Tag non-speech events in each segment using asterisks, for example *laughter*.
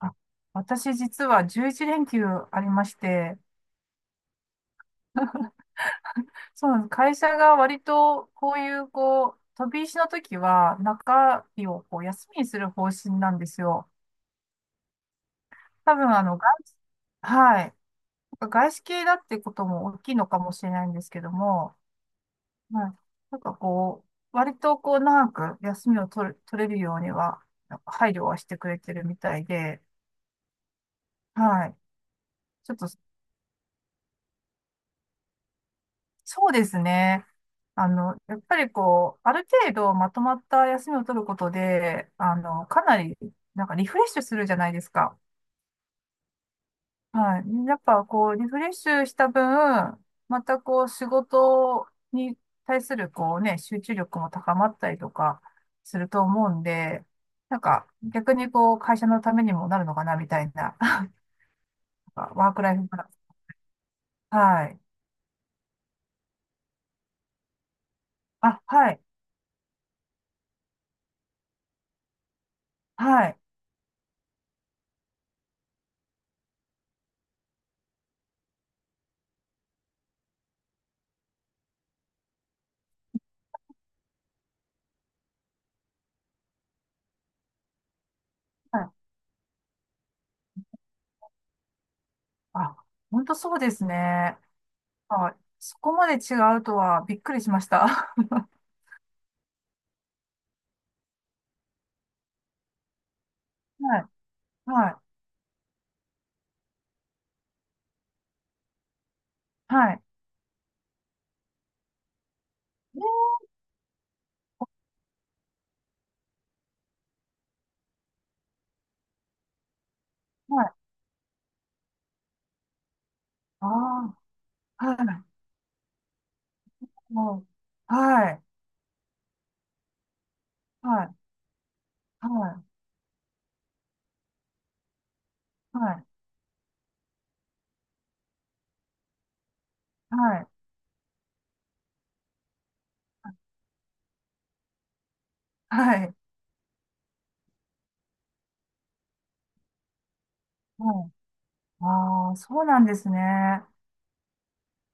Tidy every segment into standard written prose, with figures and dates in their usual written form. あ、私実は11連休ありまして、そうなんです。会社が割とこういうこう、飛び石の時は中日をこう休みにする方針なんですよ。多分はい。外資系だってことも大きいのかもしれないんですけども、はい。なんかこう、割とこう長く休みを取れるようには、なんか配慮はしてくれてるみたいで、はい。ちょっとそうですね。やっぱりこう、ある程度まとまった休みを取ることで、かなり、なんかリフレッシュするじゃないですか。はい。やっぱこう、リフレッシュした分、またこう、仕事に対するこうね、集中力も高まったりとかすると思うんで、なんか逆にこう、会社のためにもなるのかな、みたいな。*laughs* ワークライフバランス。はい。あ、はい。はい。はい。あ、本当そうですね。はい、そこまで違うとはびっくりしました。*laughs* はい、はい、はい。ね、はい。ああ、はい、もう、はい、はい、はい、はい、はい、はい、はい。ああ、そうなんですね。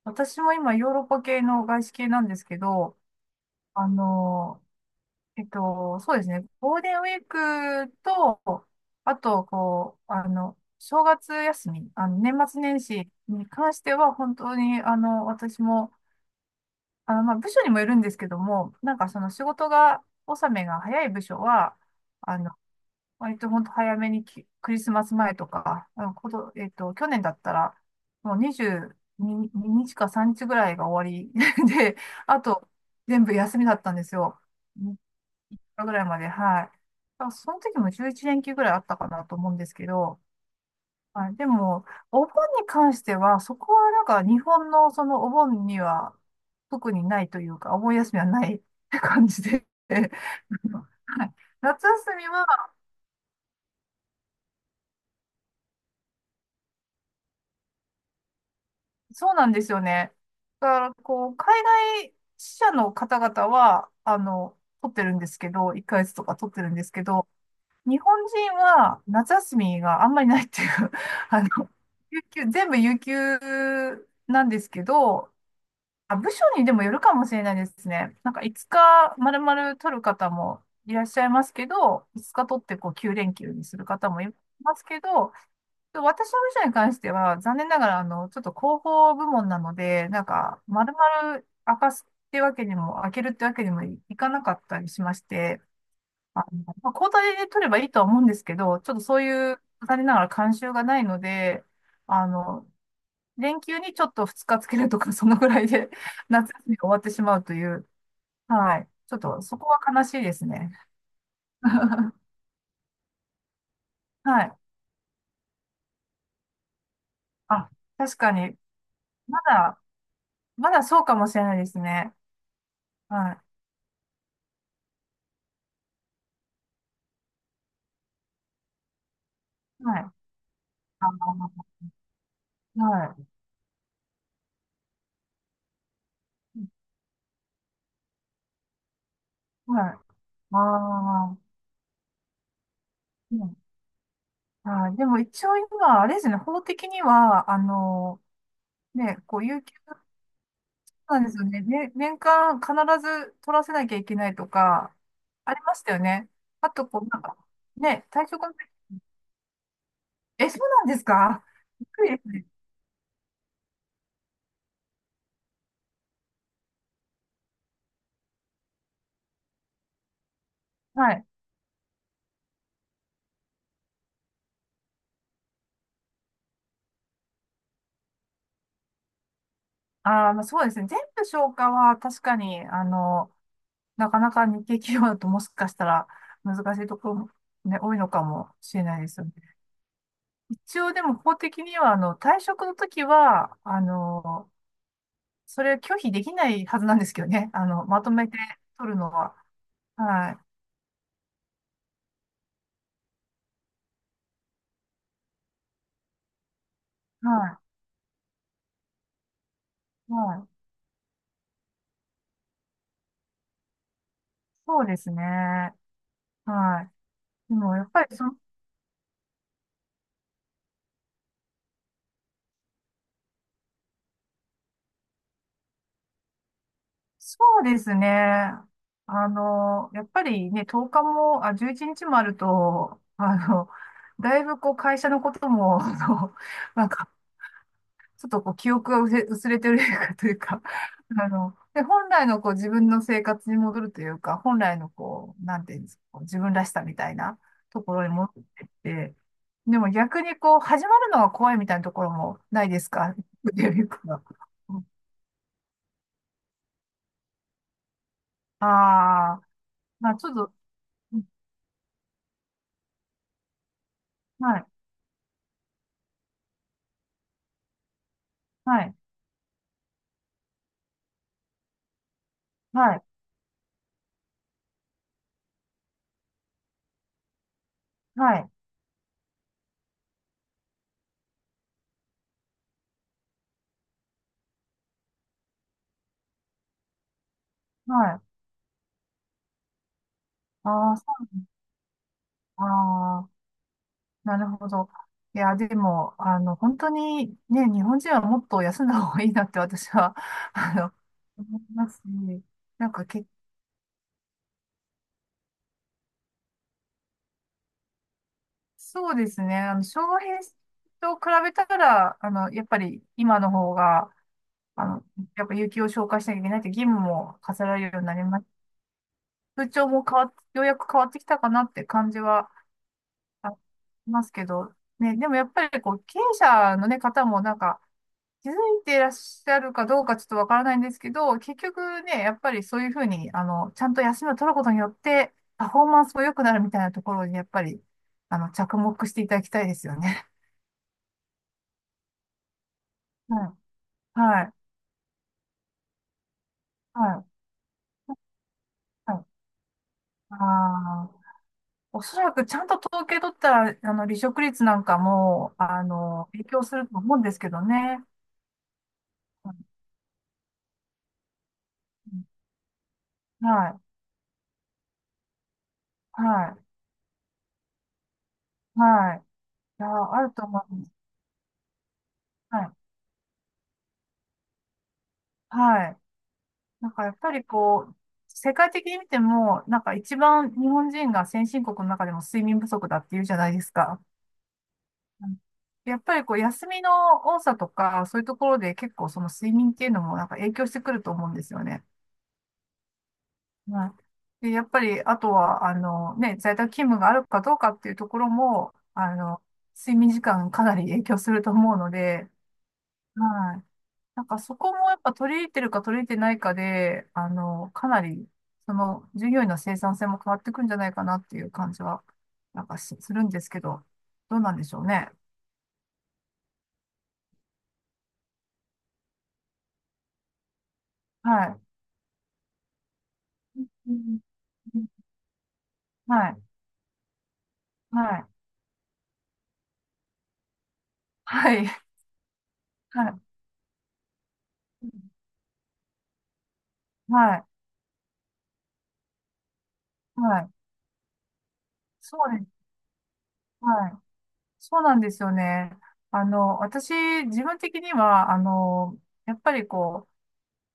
私も今ヨーロッパ系の外資系なんですけど、あの、そうですね。ゴールデンウィークと、あと、こう、正月休み、年末年始に関しては、本当に、私も、まあ、部署にもよるんですけども、なんかその仕事が、納めが早い部署は、あの、割と本当早めにクリスマス前とか、あの、こと、えっと、去年だったら、もう22日か3日ぐらいが終わり *laughs* で、あと、全部休みだったんですよ。3日ぐらいまで、はい。だからその時も11連休ぐらいあったかなと思うんですけど、はい、でも、お盆に関しては、そこはなんか日本のそのお盆には特にないというか、お盆休みはない *laughs* 感じで、*laughs* はい、夏休みはそうなんですよね。だからこう、海外支社の方々は、取ってるんですけど、1ヶ月とか取ってるんですけど、日本人は夏休みがあんまりないっていう、*laughs* あの、有給、全部有給なんですけど、あ、部署にでもよるかもしれないですね。なんか5日丸々取る方もいらっしゃいますけど、5日取ってこう9連休にする方もいますけど、私の部署に関しては残念ながらちょっと広報部門なので、なんか丸々明かすってわけにも、開けるってわけにもいかなかったりしまして、まあ、交代で取ればいいとは思うんですけど、ちょっとそういう残念ながら慣習がないので、あの、連休にちょっと2日つけるとか、そのぐらいで *laughs* 夏休みが終わってしまうという。はい。ちょっとそこは悲しいですね。*laughs* はい。あ、確かに。まだ、まだそうかもしれないですね。はい。はい。あーはい。はい。ああ、うん、はい。でも一応今、あれですね、法的には、ね、こう、有給、そうなんですよね。ね、年間必ず取らせなきゃいけないとか、ありましたよね。あと、こう、なんか、ね、退職の、え、そうなんですか？びっくりですね。はい。まあ、そうですね。全部消化は確かに、なかなか日系企業だともしかしたら難しいところもね、多いのかもしれないですよね。一応でも法的には、退職の時は、それ拒否できないはずなんですけどね。まとめて取るのは。はい。はい。はい。そうですね。はい。でも、やっぱりそうですね。やっぱりね、10日も、あ、11日もあると、だいぶこう、会社のことも、まあ、ちょっとこう記憶が薄れてる *laughs* というか *laughs* で、本来のこう自分の生活に戻るというか、本来のこう、なんていうんですか、こう自分らしさみたいなところに戻ってって、でも逆にこう、始まるのが怖いみたいなところもないですか？ *laughs* っていうか。*laughs* ああ、まあちょっと、うん、はい、はい、はい、はい、はい。ああ、そう、ああ。なるほど。いや、でも、本当にね、日本人はもっと休んだ方がいいなって私は、*laughs* あの、思いますね。なんかけ、そうですね。昭和平成と比べたら、やっぱり今の方が、あの、やっぱ有給を消化しなきゃいけないって義務も課せられるようになります。風潮も変わっ、ようやく変わってきたかなって感じはありますけど、ね、でもやっぱりこう、経営者のね、方もなんか、気づいていらっしゃるかどうかちょっとわからないんですけど、結局ね、やっぱりそういうふうに、ちゃんと休みを取ることによって、パフォーマンスも良くなるみたいなところに、やっぱり、着目していただきたいですよね。*laughs* はい。はい。はい。はい。あーおそらくちゃんと統計取ったら、離職率なんかも、影響すると思うんですけどね。うん、はい。はい。はい。いや、あると思います。はい。はい。なんかやっぱりこう、世界的に見ても、なんか一番日本人が先進国の中でも睡眠不足だっていうじゃないですか。うん、やっぱりこう、休みの多さとか、そういうところで結構その睡眠っていうのもなんか影響してくると思うんですよね。はい。で、やっぱり、あとは、ね、在宅勤務があるかどうかっていうところも、睡眠時間かなり影響すると思うので、はい。なんかそこもやっぱ取り入れてるか取り入れてないかで、かなり、その、従業員の生産性も変わってくんじゃないかなっていう感じは、なんかし、するんですけど、どうなんでしょうね。はい。うん、はい。はい。はい。はい。はい。はい。そうです。はい。そうなんですよね。私、自分的には、やっぱりこ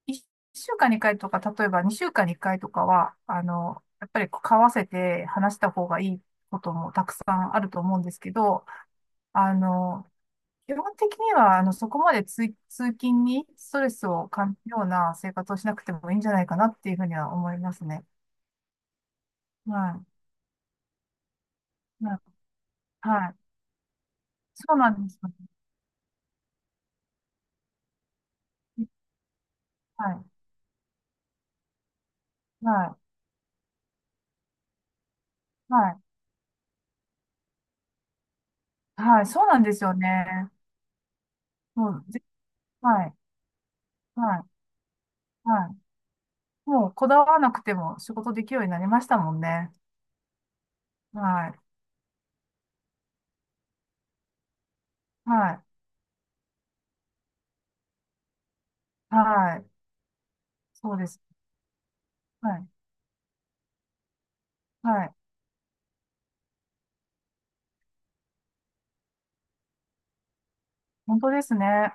う、1週間に1回とか、例えば2週間に1回とかは、やっぱりこう交わせて話した方がいいこともたくさんあると思うんですけど、あの、基本的には、そこまで通勤にストレスを感じるような生活をしなくてもいいんじゃないかなっていうふうには思いますね。はい。はい。そうなんですよね。はい。はい。はい。はい。そうなんですよね。もう、はい。はい。はい。もう、こだわらなくても仕事できるようになりましたもんね。はい。はい。はい。そうです。はい。はい。本当ですね。